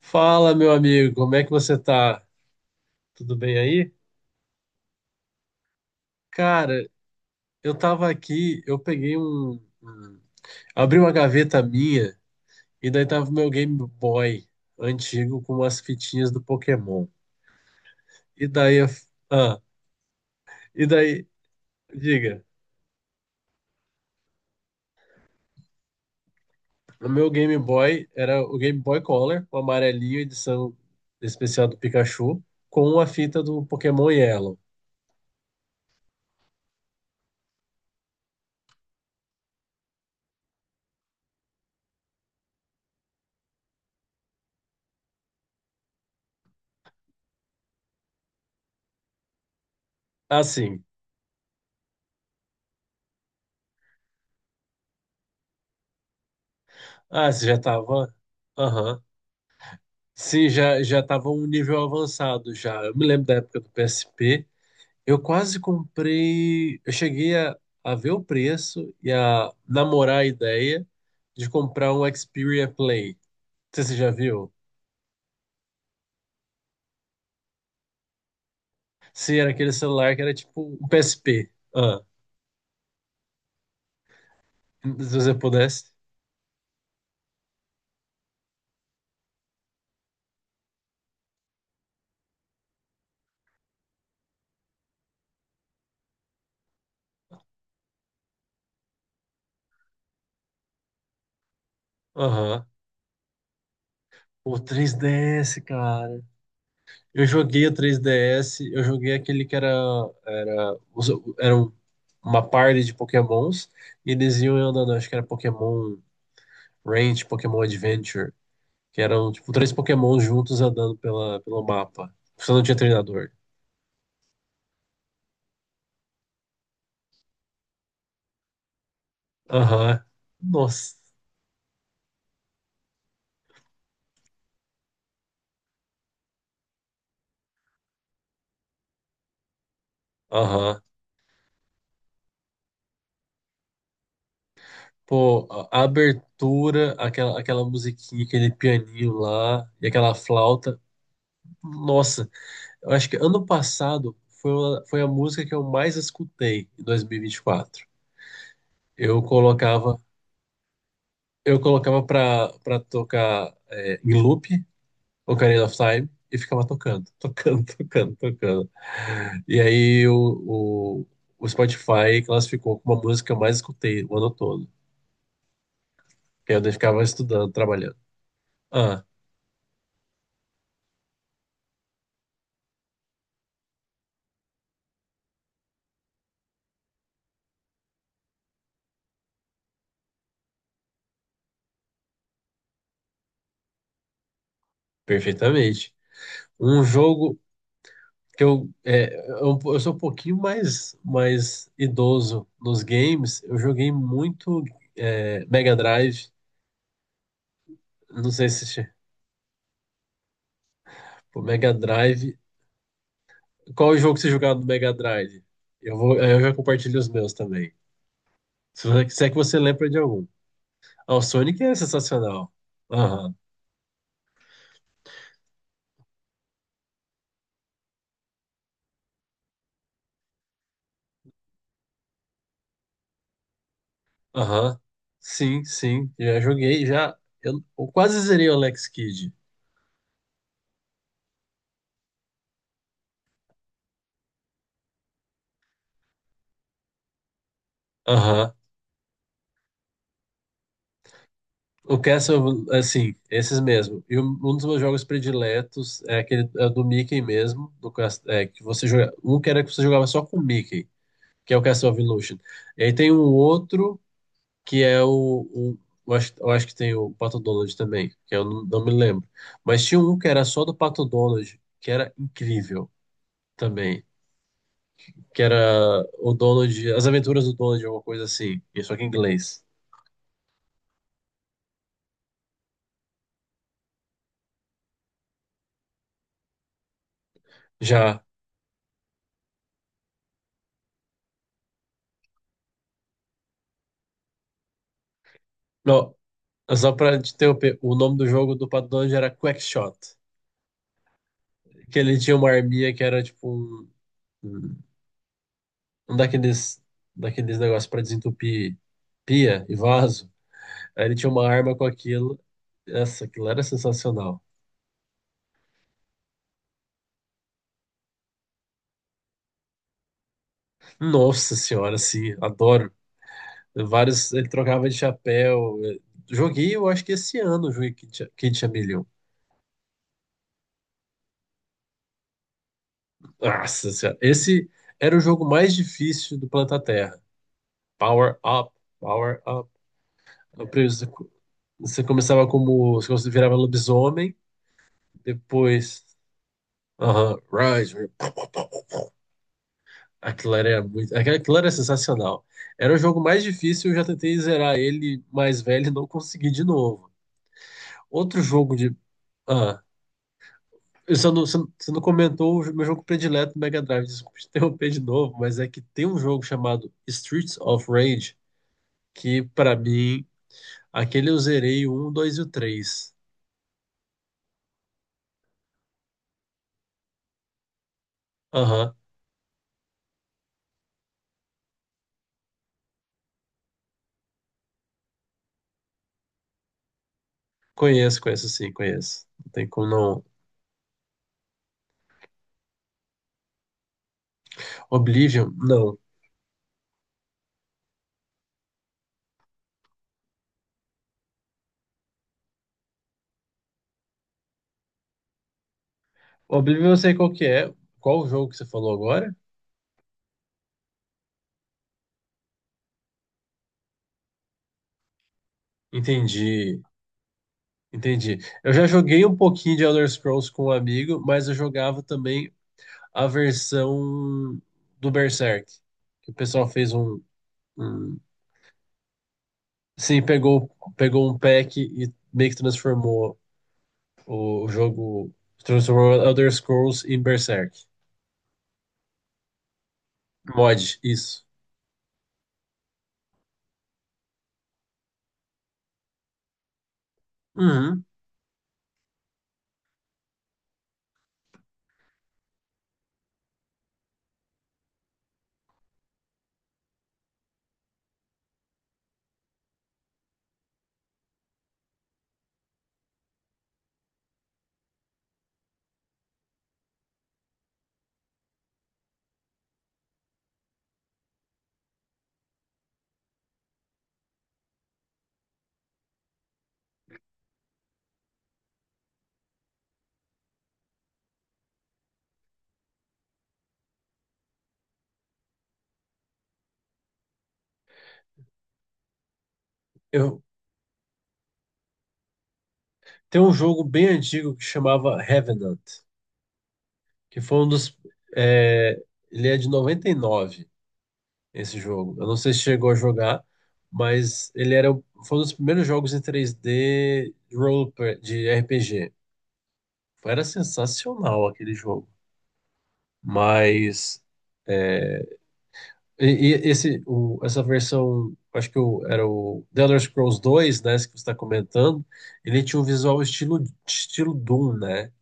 Fala, meu amigo, como é que você tá? Tudo bem aí? Cara, eu tava aqui, eu peguei um, um- abri uma gaveta minha e daí tava o meu Game Boy antigo com as fitinhas do Pokémon. E daí, eu- ah, e daí, diga, o meu Game Boy era o Game Boy Color, o amarelinho, edição especial do Pikachu, com a fita do Pokémon Yellow. Assim, você já tava? Aham. Sim, já já estava um nível avançado já. Eu me lembro da época do PSP. Eu quase comprei. Eu cheguei a ver o preço e a namorar a ideia de comprar um Xperia Play. Não sei se você já viu? Sim, era aquele celular que era tipo um PSP. Se você pudesse. Aham. O 3DS, cara. Eu joguei o 3DS, eu joguei aquele que era, os- era uma party de Pokémons, e eles iam andando, acho que era Pokémon Ranch, Pokémon Adventure, que eram tipo três Pokémons juntos andando pela, pelo mapa. Você não tinha treinador. Aham. Nossa. Aham. Pô, a abertura, aquela musiquinha, aquele pianinho lá, e aquela flauta. Nossa, eu acho que ano passado foi a música que eu mais escutei em 2024. Eu colocava, eu colocava pra tocar em loop, Ocarina of Time, e ficava tocando, tocando, tocando, tocando. E aí o Spotify classificou como a música que eu mais escutei o ano todo. Que aí eu ficava estudando, trabalhando. Ah, Perfeitamente. Um jogo, que eu, é, eu sou um pouquinho mais idoso nos games. Eu joguei muito Mega Drive. Não sei se che- Pô, Mega Drive. Qual é o jogo que você jogava no Mega Drive? Eu já compartilho os meus também. Se é que você lembra de algum. O Sonic é sensacional. Aham, aham. Sim, sim. Já joguei, já. Eu quase zerei o Alex Kidd. Aham. O Castle, assim, esses mesmo. E um dos meus jogos prediletos é aquele é do Mickey mesmo, que você joga, um que você jogava só com o Mickey, que é o Castle of Illusion. E aí tem um outro que é o- eu acho que tem o Pato Donald também, que eu não me lembro. Mas tinha um que era só do Pato Donald, que era incrível também, que era o Donald, As Aventuras do Donald, alguma coisa assim, e só que em inglês. Já. Não, é só pra te interromper, o nome do jogo do Paddle era Quackshot. Que ele tinha uma arminha que era tipo um um daqueles negócios pra desentupir pia e vaso. Aí ele tinha uma arma com aquilo. Essa, aquilo era sensacional. Nossa senhora, sim, adoro. Vários, ele trocava de chapéu. Joguei, eu acho que esse ano, eu joguei Kid Chameleon. Nossa senhora, esse era o jogo mais difícil do planeta Terra. Power up, power up. Eu preciso- Você começava como. Você virava lobisomem, depois. Aham, Rise. Aquilo era muito. Aquilo era sensacional. Era o jogo mais difícil, eu já tentei zerar ele mais velho e não consegui de novo. Outro jogo de. Ah, você não comentou o meu jogo predileto do Mega Drive, desculpa te interromper de novo, mas é que tem um jogo chamado Streets of Rage, que pra mim, aquele eu zerei o 1, 2 e o 3. Aham, conheço, conheço sim, conheço. Não tem como não. Oblivion? Não. Oblivion eu sei qual que é. Qual o jogo que você falou agora? Entendi. Entendi. Eu já joguei um pouquinho de Elder Scrolls com um amigo, mas eu jogava também a versão do Berserk. Que o pessoal fez um- sim, pegou um pack e meio que transformou o jogo, transformou Elder Scrolls em Berserk. Mod, isso. Uhum. Eu, tem um jogo bem antigo que chamava Revenant. Que foi um dos. é, Ele é de 99 esse jogo. Eu não sei se chegou a jogar, mas foi um dos primeiros jogos em 3D de RPG. Era sensacional aquele jogo. Mas. é, e, e esse, essa versão, acho que era o The Elder Scrolls dois, né, esse que você está comentando, ele tinha um visual estilo Doom, né?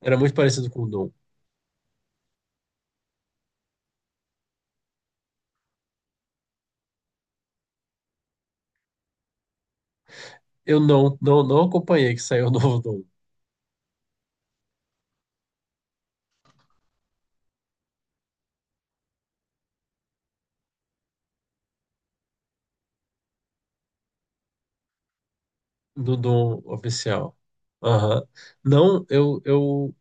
Era muito parecido com o Doom. Eu não acompanhei que saiu o novo Doom. Do Doom oficial. Aham. Não, eu, eu.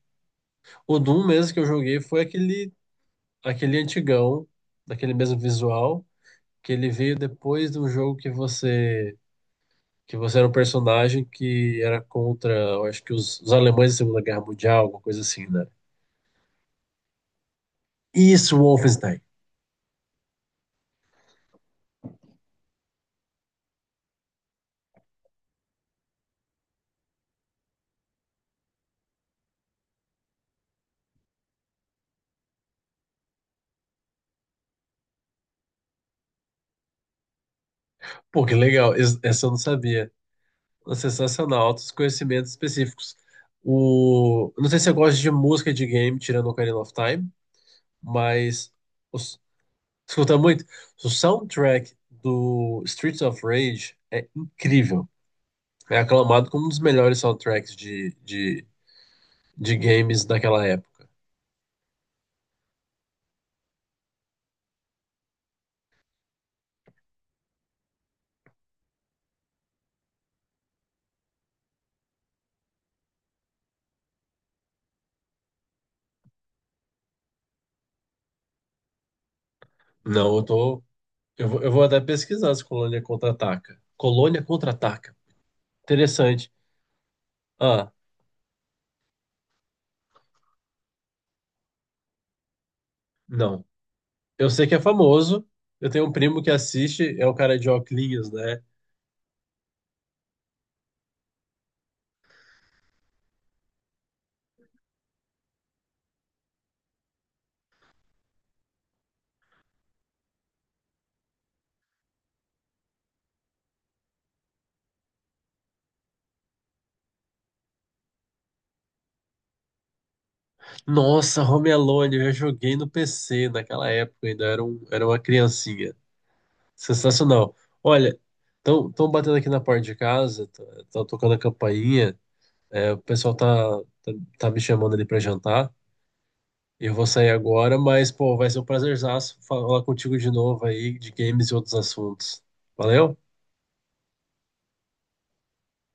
O Doom mesmo que eu joguei foi aquele antigão, daquele mesmo visual, que ele veio depois de um jogo que você. Que você era um personagem que era contra, eu acho que os alemães da Segunda Guerra Mundial, alguma coisa assim, né? Isso, Wolfenstein. Pô, que legal. Essa eu não sabia. Sensacional, altos conhecimentos específicos. Eu não sei se eu gosto de música de game, tirando o Ocarina of Time, mas. o, escuta muito. O soundtrack do Streets of Rage é incrível. É aclamado como um dos melhores soundtracks de games daquela época. Não, eu tô. Eu vou até pesquisar se Colônia Contra-Ataca. Colônia Contra-Ataca. Interessante. Ah, não. Eu sei que é famoso. Eu tenho um primo que assiste, é o cara de óculos, né? Nossa, Home Alone, eu já joguei no PC naquela época, ainda era uma criancinha. Sensacional. Olha, estão batendo aqui na porta de casa, estão tocando a campainha, o pessoal tá, tá me chamando ali para jantar. Eu vou sair agora, mas, pô, vai ser um prazerzaço falar contigo de novo aí de games e outros assuntos. Valeu?